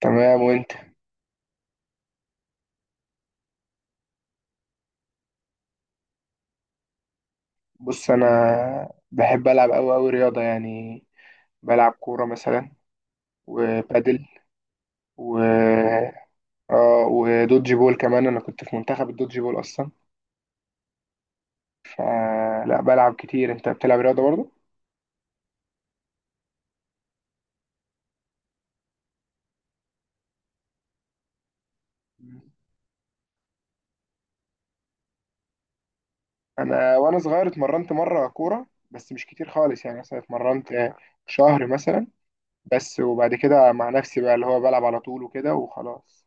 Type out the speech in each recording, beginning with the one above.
تمام، وانت؟ بص، انا بحب العب قوي قوي رياضه يعني. بلعب كوره مثلا، وبادل، و اه ودوج بول كمان، انا كنت في منتخب الدوج بول اصلا. فلا بلعب كتير، انت بتلعب رياضه برضه؟ انا وانا صغير اتمرنت مره كوره، بس مش كتير خالص، يعني مثلا اتمرنت شهر مثلا بس، وبعد كده مع نفسي بقى اللي هو بلعب على طول وكده وخلاص.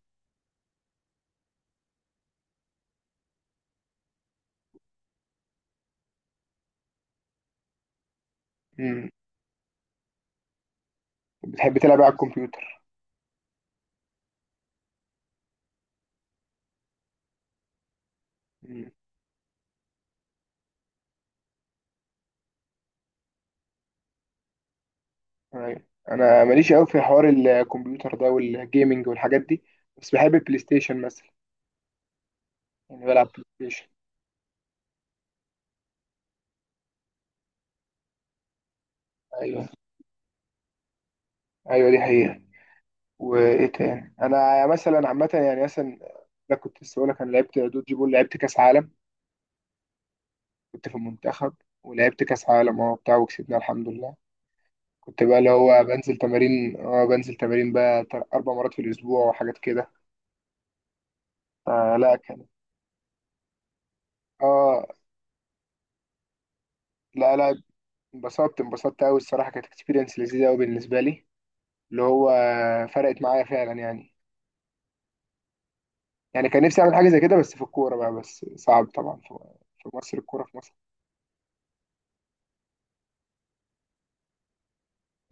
امم بتحب تلعب بقى على الكمبيوتر؟ أيوة. انا ماليش قوي في حوار الكمبيوتر ده والجيمنج والحاجات دي، بس بحب البلاي ستيشن مثلا. يعني بلعب بلاي ستيشن. ايوه، ايوه، دي حقيقة. وايه تاني؟ انا مثلا عامة يعني مثلا، لا كنت لسه بقول لك، انا لعبت دوج بول، لعبت كاس عالم، كنت في المنتخب، ولعبت كاس عالم بتاع وكسبنا الحمد لله. كنت بقى اللي هو بنزل تمارين بقى 4 مرات في الاسبوع وحاجات كده. فلا كان، اه لا لا، انبسطت انبسطت قوي الصراحة، كانت اكسبيرينس لذيذة قوي بالنسبة لي. اللي هو فرقت معايا فعلا يعني. يعني كان نفسي اعمل حاجه زي كده، بس في الكوره بقى، بس صعب طبعا في مصر، الكوره في مصر.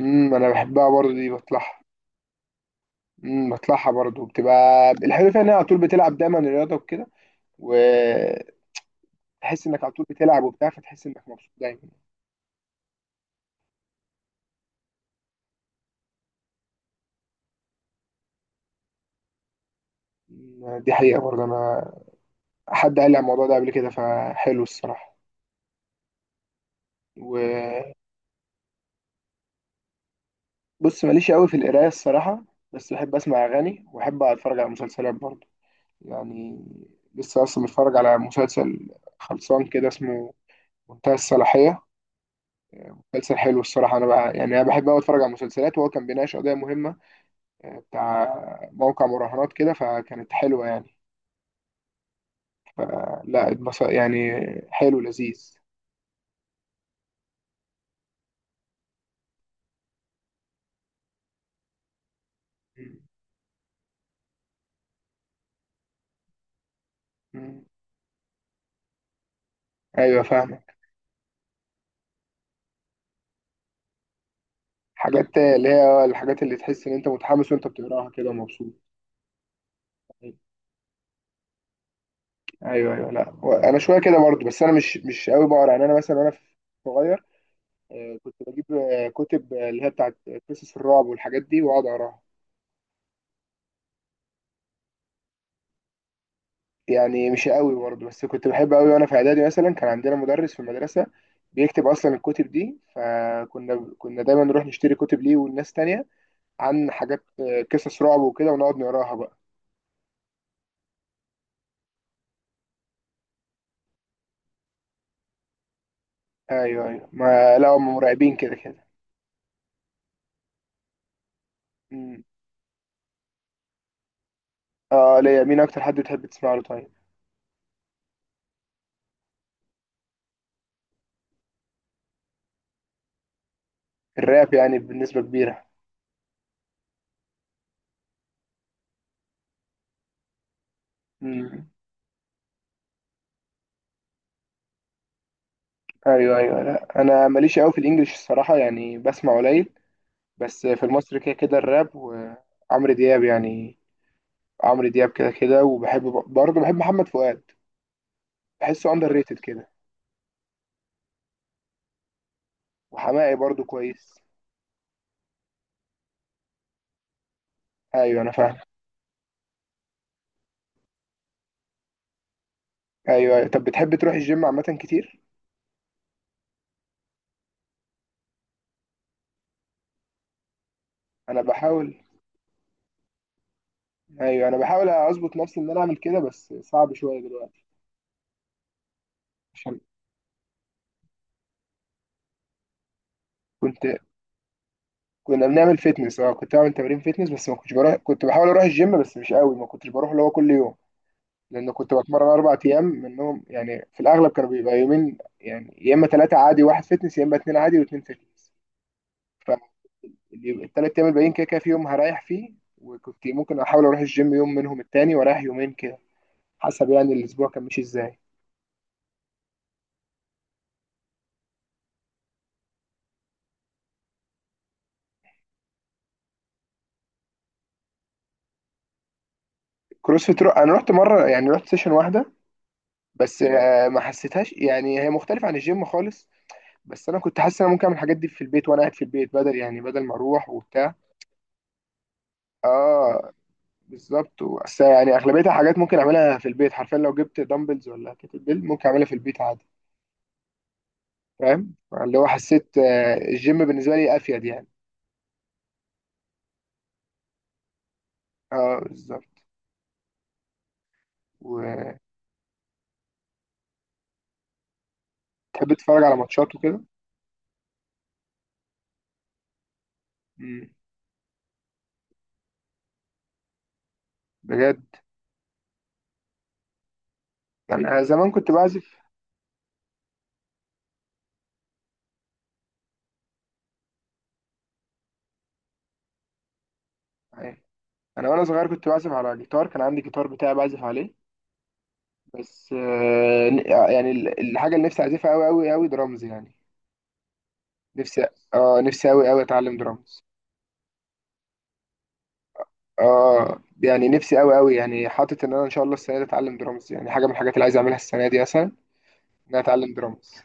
انا بحبها برضو، دي بطلعها. بطلعها برضو، بتبقى الحلو فيها ان هي على طول بتلعب دايما الرياضه وكده، وتحس انك على طول بتلعب وبتاع، فتحس انك مبسوط دايما. دي حقيقه برضو انا، حد قال لي على الموضوع ده قبل كده، فحلو الصراحه، وبص. ماليش قوي في القرايه الصراحه، بس بحب اسمع اغاني، واحب اتفرج على مسلسلات برضو. يعني لسه اصلا متفرج على مسلسل خلصان كده اسمه منتهى الصلاحية. مسلسل حلو الصراحة. أنا بقى يعني أنا بحب أوي أتفرج على المسلسلات، وهو كان بيناقش قضية مهمة بتاع موقع مراهنات كده، فكانت حلوة يعني. لا يعني حلو لذيذ. مم. مم. أيوة فاهمك. حاجات اللي هي آه، الحاجات اللي تحس إن أنت متحمس وأنت بتقراها كده ومبسوط. أيوة، أيوة، لا هو أنا شوية كده برضه، بس أنا مش أوي بقرا يعني. أنا مثلا وأنا صغير كنت بجيب كتب اللي هي بتاعت قصص الرعب والحاجات دي واقعد اقراها. يعني مش قوي برضه، بس كنت بحب قوي وانا في اعدادي، مثلا كان عندنا مدرس في المدرسه بيكتب اصلا الكتب دي، فكنا دايما نروح نشتري كتب ليه والناس تانية عن حاجات قصص رعب وكده ونقعد نقراها بقى. ايوه، ايوه، ما لا، هم مرعبين كده كده. مم. اه، ليا. مين اكتر حد بتحب تسمع له طيب؟ الراب يعني بنسبه كبيره. مم. ايوه، ايوه، لا انا ماليش قوي في الانجليش الصراحه، يعني بسمع قليل. بس في المصري كده كده الراب وعمرو دياب يعني. عمرو دياب كده كده، وبحب، برضه بحب محمد فؤاد. بحسه اندر ريتد كده. وحماقي برضه كويس. ايوه انا فاهم. ايوه، أيوة. طب بتحب تروح الجيم عامة كتير؟ انا بحاول. ايوه انا بحاول اظبط نفسي ان انا اعمل كده، بس صعب شوية دلوقتي. عشان كنت كنا بنعمل فيتنس، كنت بعمل تمارين فيتنس، بس ما كنتش بروح، كنت بحاول اروح الجيم بس مش قوي، ما كنتش بروح اللي هو كل يوم. لأن كنت بتمرن 4 أيام منهم، يعني في الأغلب كانوا بيبقى يومين، يعني يا إما ثلاثة عادي واحد فيتنس، يا إما اتنين عادي واتنين فيتنس. فالتلات أيام الباقيين كده كده في يوم هريح فيه، وكنت ممكن أحاول أروح الجيم يوم منهم التاني وأريح يومين كده، حسب يعني الأسبوع كان ماشي إزاي. كروسفيت أنا رحت مرة يعني، رحت سيشن واحدة. بس ما حسيتهاش يعني، هي مختلفة عن الجيم خالص. بس أنا كنت حاسس إن أنا ممكن أعمل الحاجات دي في البيت وأنا قاعد في البيت، بدل يعني بدل ما أروح وبتاع. آه، بالظبط، بس يعني اغلبيتها حاجات ممكن اعملها في البيت حرفيا، لو جبت دمبلز ولا كتل بيل ممكن اعملها في البيت عادي. فاهم. اللي هو حسيت الجيم بالنسبه لي افيد يعني. اه بالظبط. وتحب تتفرج على ماتشات وكده؟ مم. بجد؟ يعني انا زمان كنت بعزف. يعني انا وانا صغير كنت بعزف على جيتار، كان عندي جيتار بتاعي بعزف عليه. بس يعني الحاجه اللي نفسي اعزفها قوي قوي قوي درامز يعني. نفسي. اه نفسي قوي قوي اتعلم درامز. اه يعني نفسي قوي قوي، يعني حاطط ان انا ان شاء الله السنه دي اتعلم درامز، يعني حاجه من الحاجات اللي عايز اعملها السنه دي مثلا، ان انا اتعلم درامز.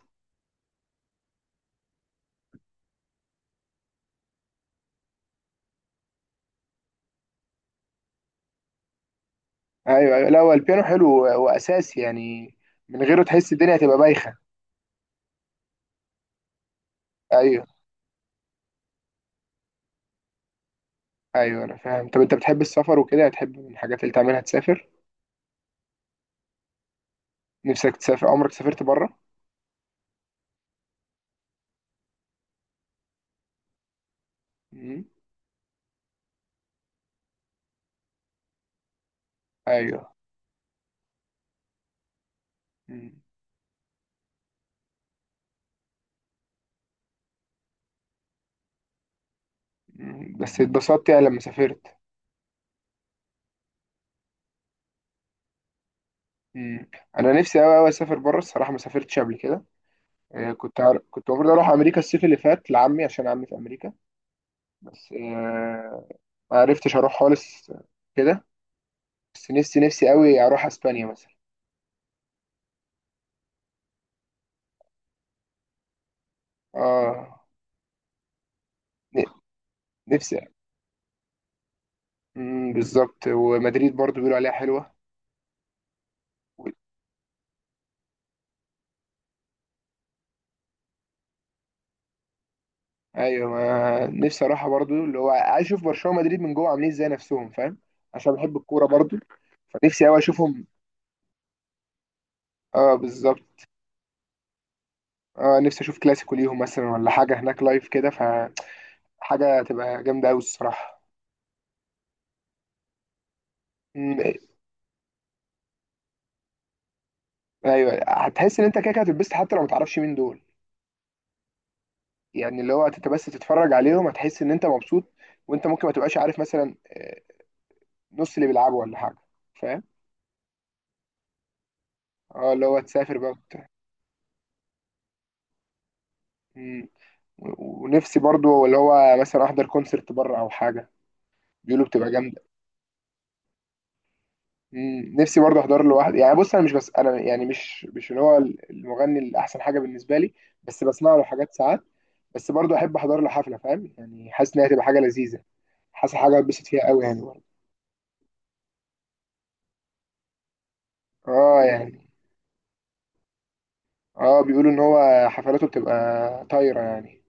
ايوه، ايوه، لا هو البيانو حلو واساسي يعني. من غيره تحس الدنيا هتبقى بايخه. ايوه، ايوه، انا فاهم. طب انت بتحب السفر وكده؟ هتحب من الحاجات اللي تعملها تسافر؟ نفسك تسافر؟ عمرك سافرت بره؟ امم، ايوه. مم. مم. بس اتبسطت يعني لما سافرت؟ مم. انا نفسي قوي قوي اسافر بره الصراحه، ما سافرتش قبل كده. كنت المفروض اروح امريكا الصيف اللي فات لعمي، عشان عمي في امريكا. بس ما عرفتش اروح خالص كده. بس نفسي نفسي قوي اروح اسبانيا مثلا. اه، ن- نفسي، بالظبط، ومدريد برضو بيقولوا عليها حلوه. و- ايوه، ما نفسي اروحها برضو اللي هو عايز اشوف برشلونه ومدريد من جوه عاملين ازاي نفسهم، فاهم. عشان بحب الكوره برضو. فنفسي قوي اشوفهم. اه بالظبط. اه، نفسي اشوف كلاسيكو ليهم مثلا ولا حاجه هناك لايف كده، فحاجه تبقى جامده قوي الصراحه. امم، ايوه. هتحس ان انت كده كده هتتبسط حتى لو ما تعرفش مين دول يعني. اللي هو انت بس تتفرج عليهم هتحس ان انت مبسوط. وانت ممكن ما تبقاش عارف مثلا نص اللي بيلعبوا ولا حاجه، فاهم. اه اللي هو تسافر بقى وبتاع. مم. ونفسي برضو اللي هو مثلا احضر كونسرت بره او حاجه. بيقولوا بتبقى جامده. مم. نفسي برضو احضر له واحد، يعني بص، انا مش بس انا يعني مش اللي هو المغني اللي احسن حاجه بالنسبه لي. بس بسمع له حاجات ساعات. بس برضو احب احضر له حفله، فاهم يعني، حاسس ان هي هتبقى حاجه لذيذه. حاسس حاجه اتبسط فيها قوي يعني برضو. اه يعني. اه بيقولوا ان هو حفلاته بتبقى طايره يعني.